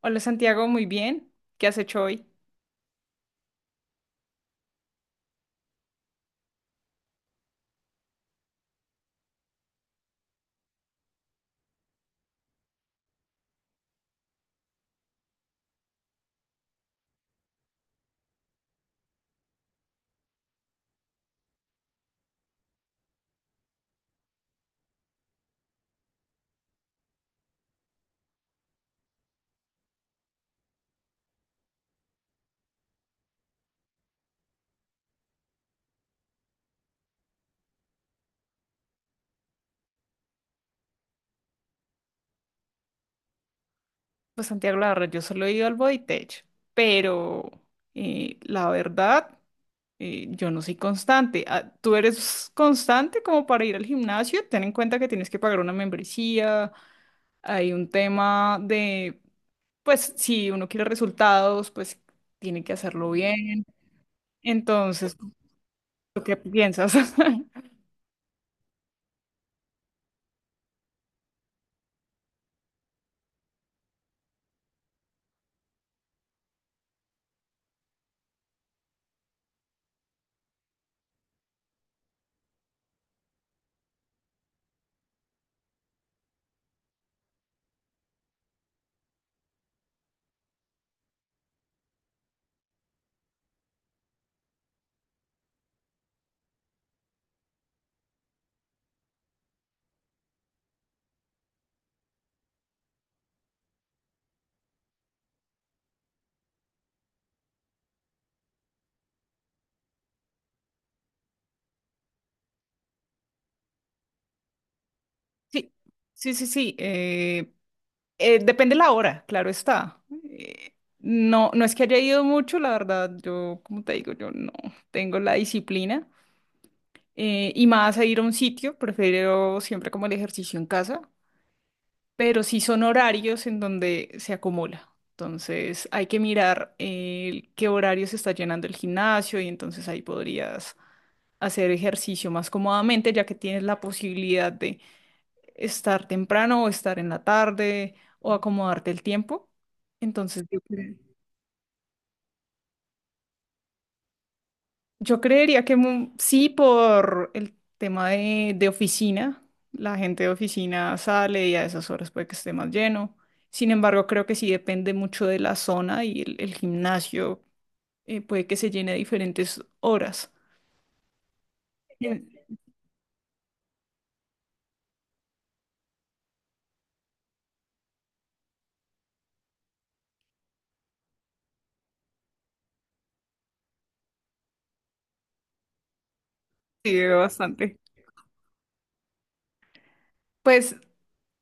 Hola Santiago, muy bien. ¿Qué has hecho hoy? Pues Santiago, la verdad, yo solo he ido al Bodytech, pero la verdad, yo no soy constante. Ah, ¿tú eres constante como para ir al gimnasio? Ten en cuenta que tienes que pagar una membresía, hay un tema de, pues si uno quiere resultados, pues tiene que hacerlo bien. Entonces, ¿tú qué piensas? Sí, sí, sí, sí. Depende la hora, claro está. Eh, no, no es que haya ido mucho, la verdad, yo, como te digo, yo no tengo la disciplina. Y más a ir a un sitio, prefiero siempre como el ejercicio en casa, pero sí son horarios en donde se acumula. Entonces hay que mirar qué horario se está llenando el gimnasio y entonces ahí podrías hacer ejercicio más cómodamente, ya que tienes la posibilidad de estar temprano o estar en la tarde o acomodarte el tiempo. Entonces, yo creería que sí, por el tema de oficina, la gente de oficina sale y a esas horas puede que esté más lleno. Sin embargo, creo que sí depende mucho de la zona y el gimnasio puede que se llene a diferentes horas. Bien. Sí, veo bastante. Pues,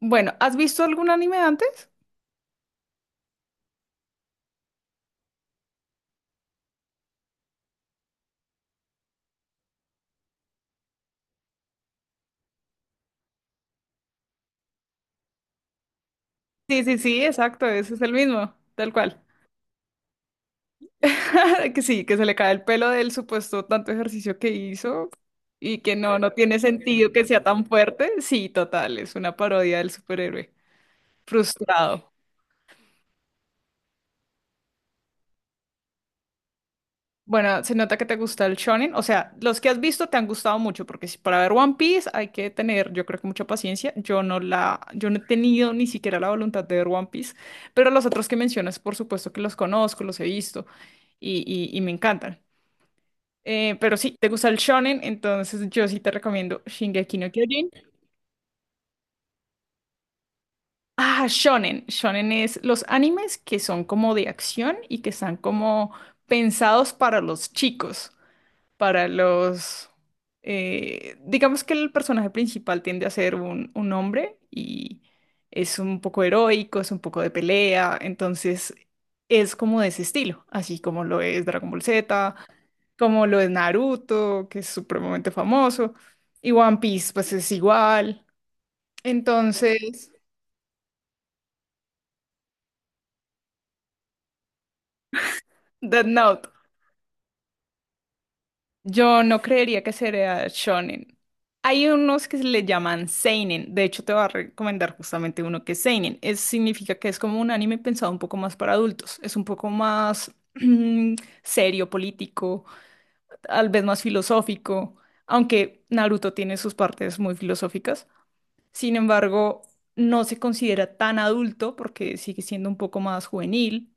bueno, ¿has visto algún anime antes? Sí, sí, sí, exacto, ese es el mismo, tal cual. Que sí, que se le cae el pelo del supuesto tanto ejercicio que hizo y que no, no tiene sentido que sea tan fuerte. Sí, total, es una parodia del superhéroe. Frustrado. Bueno, se nota que te gusta el shonen. O sea, los que has visto te han gustado mucho, porque si para ver One Piece hay que tener, yo creo que mucha paciencia. Yo no he tenido ni siquiera la voluntad de ver One Piece, pero los otros que mencionas, por supuesto que los conozco, los he visto y me encantan. Pero sí, te gusta el shonen, entonces yo sí te recomiendo Shingeki no Kyojin. Ah, shonen. Shonen es los animes que son como de acción y que están como pensados para los chicos. para los... digamos que el personaje principal tiende a ser un hombre y es un poco heroico, es un poco de pelea, entonces es como de ese estilo, así como lo es Dragon Ball Z, como lo es Naruto, que es supremamente famoso, y One Piece pues es igual. Entonces, Death Note. Yo no creería que sería shonen. Hay unos que se le llaman seinen. De hecho, te voy a recomendar justamente uno que es seinen. Significa que es como un anime pensado un poco más para adultos. Es un poco más serio, político, tal vez más filosófico. Aunque Naruto tiene sus partes muy filosóficas. Sin embargo, no se considera tan adulto porque sigue siendo un poco más juvenil.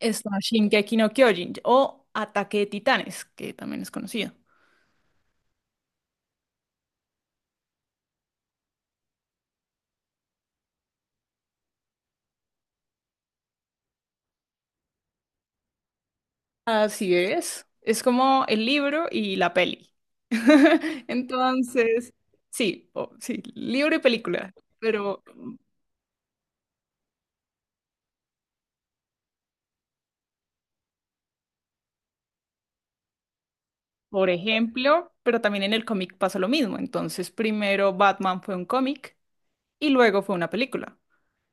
Está Shingeki no Kyojin o Ataque de Titanes, que también es conocido. Así es. Es como el libro y la peli. Entonces, sí, sí, libro y película. Pero, por ejemplo, pero también en el cómic pasa lo mismo. Entonces, primero Batman fue un cómic y luego fue una película.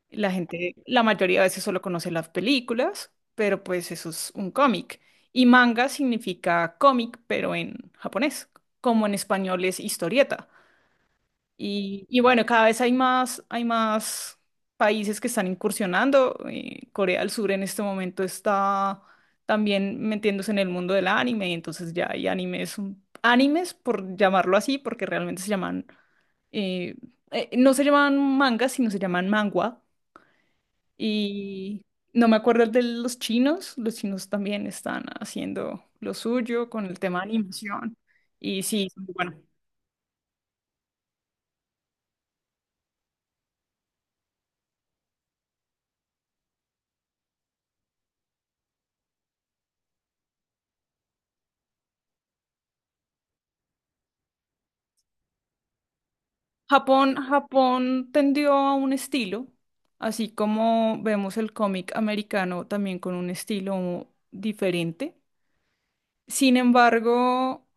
La gente, la mayoría de veces solo conoce las películas, pero pues eso es un cómic. Y manga significa cómic, pero en japonés, como en español es historieta. Y bueno, cada vez hay más, países que están incursionando. Corea del Sur en este momento está también metiéndose en el mundo del anime, y entonces ya hay animes, animes por llamarlo así, porque realmente se llaman, eh, no se llaman mangas, sino se llaman manhwa. Y no me acuerdo el de los chinos también están haciendo lo suyo con el tema de animación. Y sí, bueno. Japón tendió a un estilo, así como vemos el cómic americano también con un estilo diferente. Sin embargo,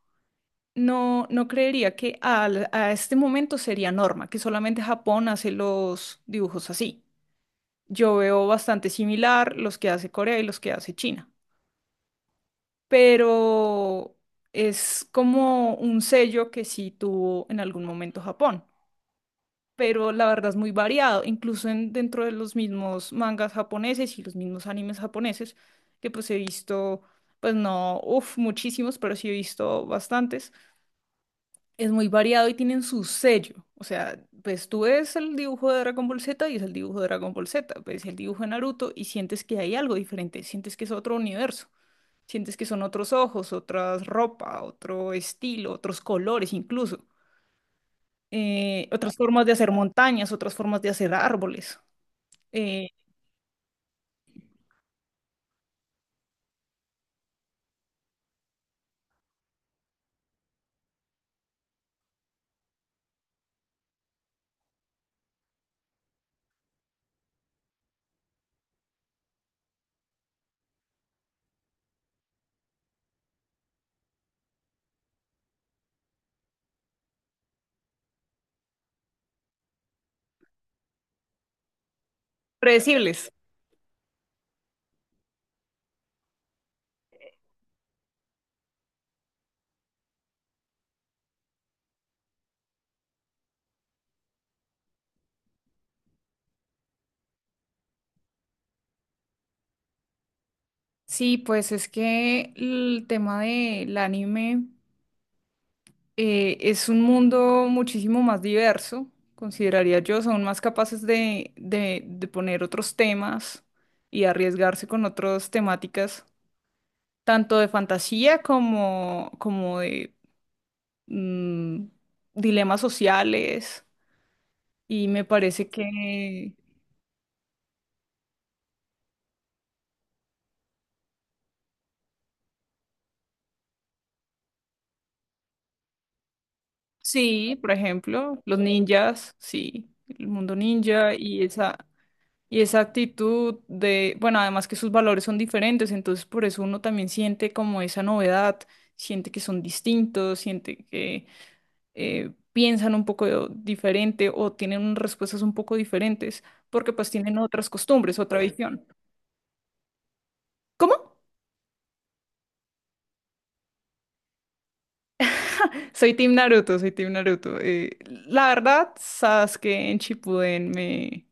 no, no creería que a este momento sería norma, que solamente Japón hace los dibujos así. Yo veo bastante similar los que hace Corea y los que hace China, pero es como un sello que sí tuvo en algún momento Japón. Pero la verdad es muy variado, incluso dentro de los mismos mangas japoneses y los mismos animes japoneses, que pues he visto, pues no, uff, muchísimos, pero sí he visto bastantes. Es muy variado y tienen su sello, o sea, pues tú ves el dibujo de Dragon Ball Z y es el dibujo de Dragon Ball Z, ves el dibujo de Naruto y sientes que hay algo diferente, sientes que es otro universo. Sientes que son otros ojos, otras ropa, otro estilo, otros colores incluso, otras formas de hacer montañas, otras formas de hacer árboles eh, predecibles. Sí, pues es que el tema del anime es un mundo muchísimo más diverso, consideraría yo, son más capaces de poner otros temas y arriesgarse con otras temáticas, tanto de fantasía como de mm, dilemas sociales. Y me parece que sí, por ejemplo, los ninjas, sí, el mundo ninja y esa. Y esa actitud de, bueno, además que sus valores son diferentes, entonces por eso uno también siente como esa novedad, siente que son distintos, siente que piensan un poco diferente o tienen unas respuestas un poco diferentes, porque pues tienen otras costumbres, otra visión. ¿Cómo? Soy Team Naruto, soy Team Naruto. La verdad, Sasuke en Shippuden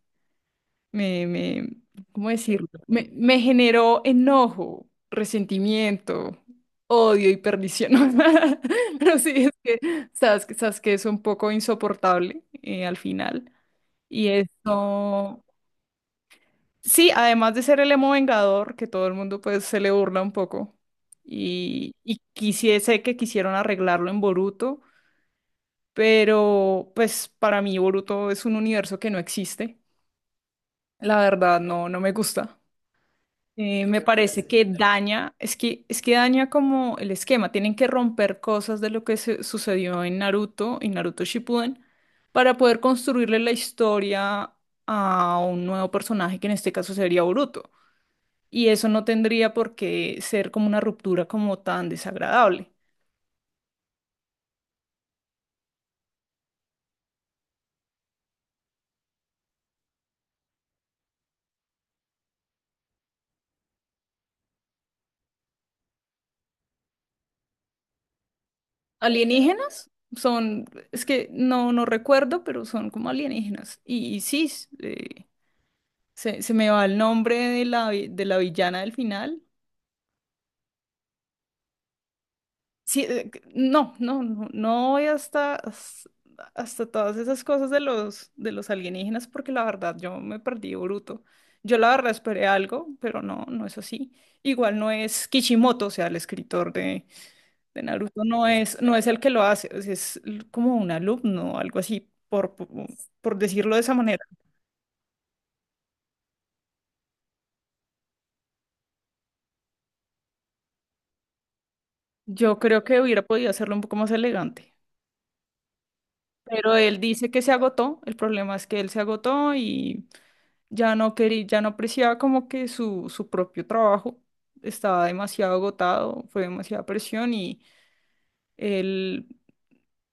me, me, ¿cómo decirlo? Me generó enojo, resentimiento, odio y perdición. Pero sí, es que sabes que es un poco insoportable al final. Y eso, sí, además de ser el emo vengador, que todo el mundo pues se le burla un poco. Y quisiese que quisieron arreglarlo en Boruto, pero pues para mí Boruto es un universo que no existe. La verdad, no, no me gusta. Me parece que daña, es que daña como el esquema. Tienen que romper cosas de lo que sucedió en Naruto y Naruto Shippuden para poder construirle la historia a un nuevo personaje que en este caso sería Boruto. Y eso no tendría por qué ser como una ruptura como tan desagradable. ¿Alienígenas? Son, es que no, no recuerdo, pero son como alienígenas. Y sí, se me va el nombre de de la villana del final. Sí, no, no, no, no voy hasta todas esas cosas de los alienígenas porque la verdad yo me perdí bruto. Yo la verdad esperé algo, pero no, no es así. Igual no es Kishimoto, o sea, el escritor de Naruto no es, no es el que lo hace, o sea, como un alumno, algo así, por decirlo de esa manera. Yo creo que hubiera podido hacerlo un poco más elegante. Pero él dice que se agotó, el problema es que él se agotó y ya no quería, ya no apreciaba como que su propio trabajo estaba demasiado agotado, fue demasiada presión y él,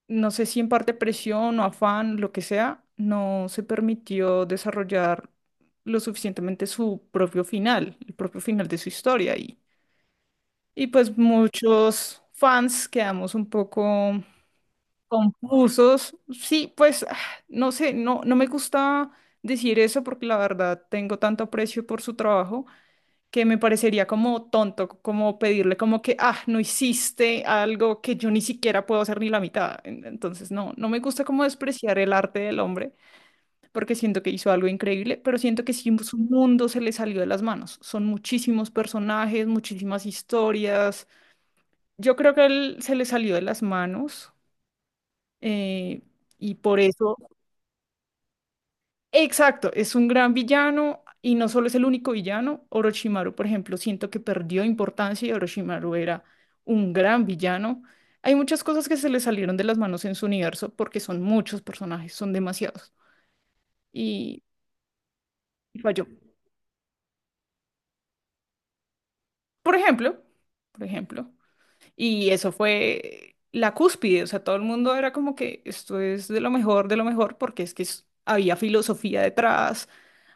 no sé si en parte presión o afán, lo que sea, no se permitió desarrollar lo suficientemente su propio final, el propio final de su historia y pues muchos fans quedamos un poco confusos. Sí, pues ah, no sé, no, no me gusta decir eso porque la verdad tengo tanto aprecio por su trabajo que me parecería como tonto, como pedirle como que, ah, no hiciste algo que yo ni siquiera puedo hacer ni la mitad. Entonces, no, no me gusta como despreciar el arte del hombre porque siento que hizo algo increíble, pero siento que sí, su mundo se le salió de las manos. Son muchísimos personajes, muchísimas historias. Yo creo que él se le salió de las manos. eh, y por eso exacto, es un gran villano y no solo es el único villano. Orochimaru, por ejemplo, siento que perdió importancia y Orochimaru era un gran villano. Hay muchas cosas que se le salieron de las manos en su universo porque son muchos personajes, son demasiados. Y, y falló. Por ejemplo, por ejemplo, y eso fue la cúspide, o sea, todo el mundo era como que esto es de lo mejor, porque es que había filosofía detrás,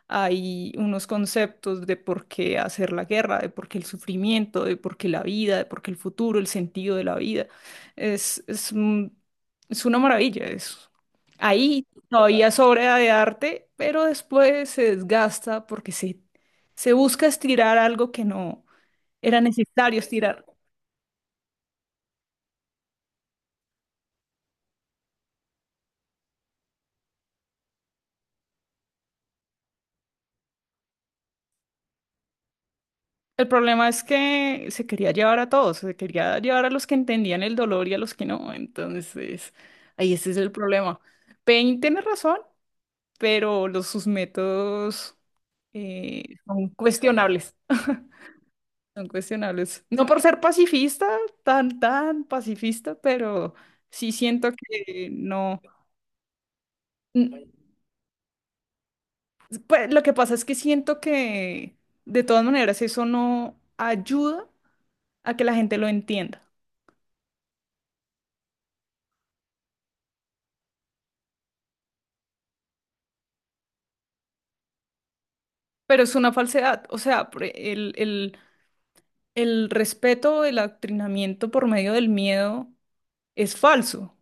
hay unos conceptos de por qué hacer la guerra, de por qué el sufrimiento, de por qué la vida, de por qué el futuro, el sentido de la vida. Es, es, un- es una maravilla eso. Ahí todavía sobra de arte, pero después se desgasta porque se busca estirar algo que no era necesario estirar. El problema es que se quería llevar a todos, se quería llevar a los que entendían el dolor y a los que no. Entonces, ahí ese es el problema. Pain tiene razón, pero sus métodos son cuestionables, son cuestionables. No por ser pacifista, tan, tan pacifista, pero sí siento que no. n- Pues lo que pasa es que siento que de todas maneras eso no ayuda a que la gente lo entienda, pero es una falsedad. O sea, por el respeto, el adoctrinamiento por medio del miedo es falso.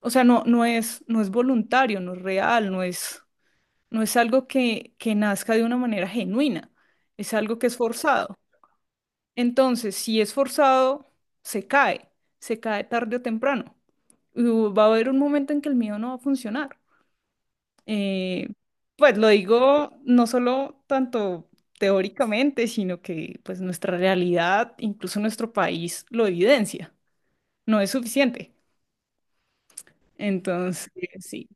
O sea, no, no es, no es voluntario, no es real, no es. No es algo que nazca de una manera genuina, es algo que es forzado. Entonces, si es forzado, se cae, se cae tarde o temprano. Y va a haber un momento en que el miedo no va a funcionar. Eh, pues lo digo no solo tanto teóricamente, sino que pues nuestra realidad, incluso nuestro país, lo evidencia. No es suficiente. Entonces, sí.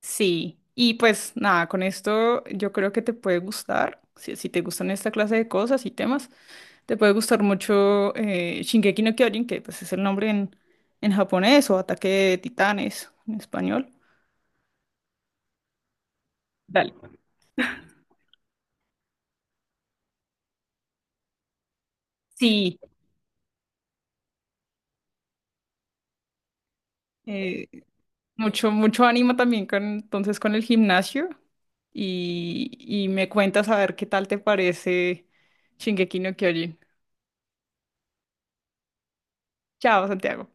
Sí, y pues nada, con esto yo creo que te puede gustar, si te gustan esta clase de cosas y temas, te puede gustar mucho Shingeki no Kyojin, que pues es el nombre en japonés o Ataque de Titanes en español. Dale. Sí, eh, mucho, mucho ánimo también entonces con el gimnasio y me cuentas a ver qué tal te parece Shingeki no Kyojin. Chao, Santiago.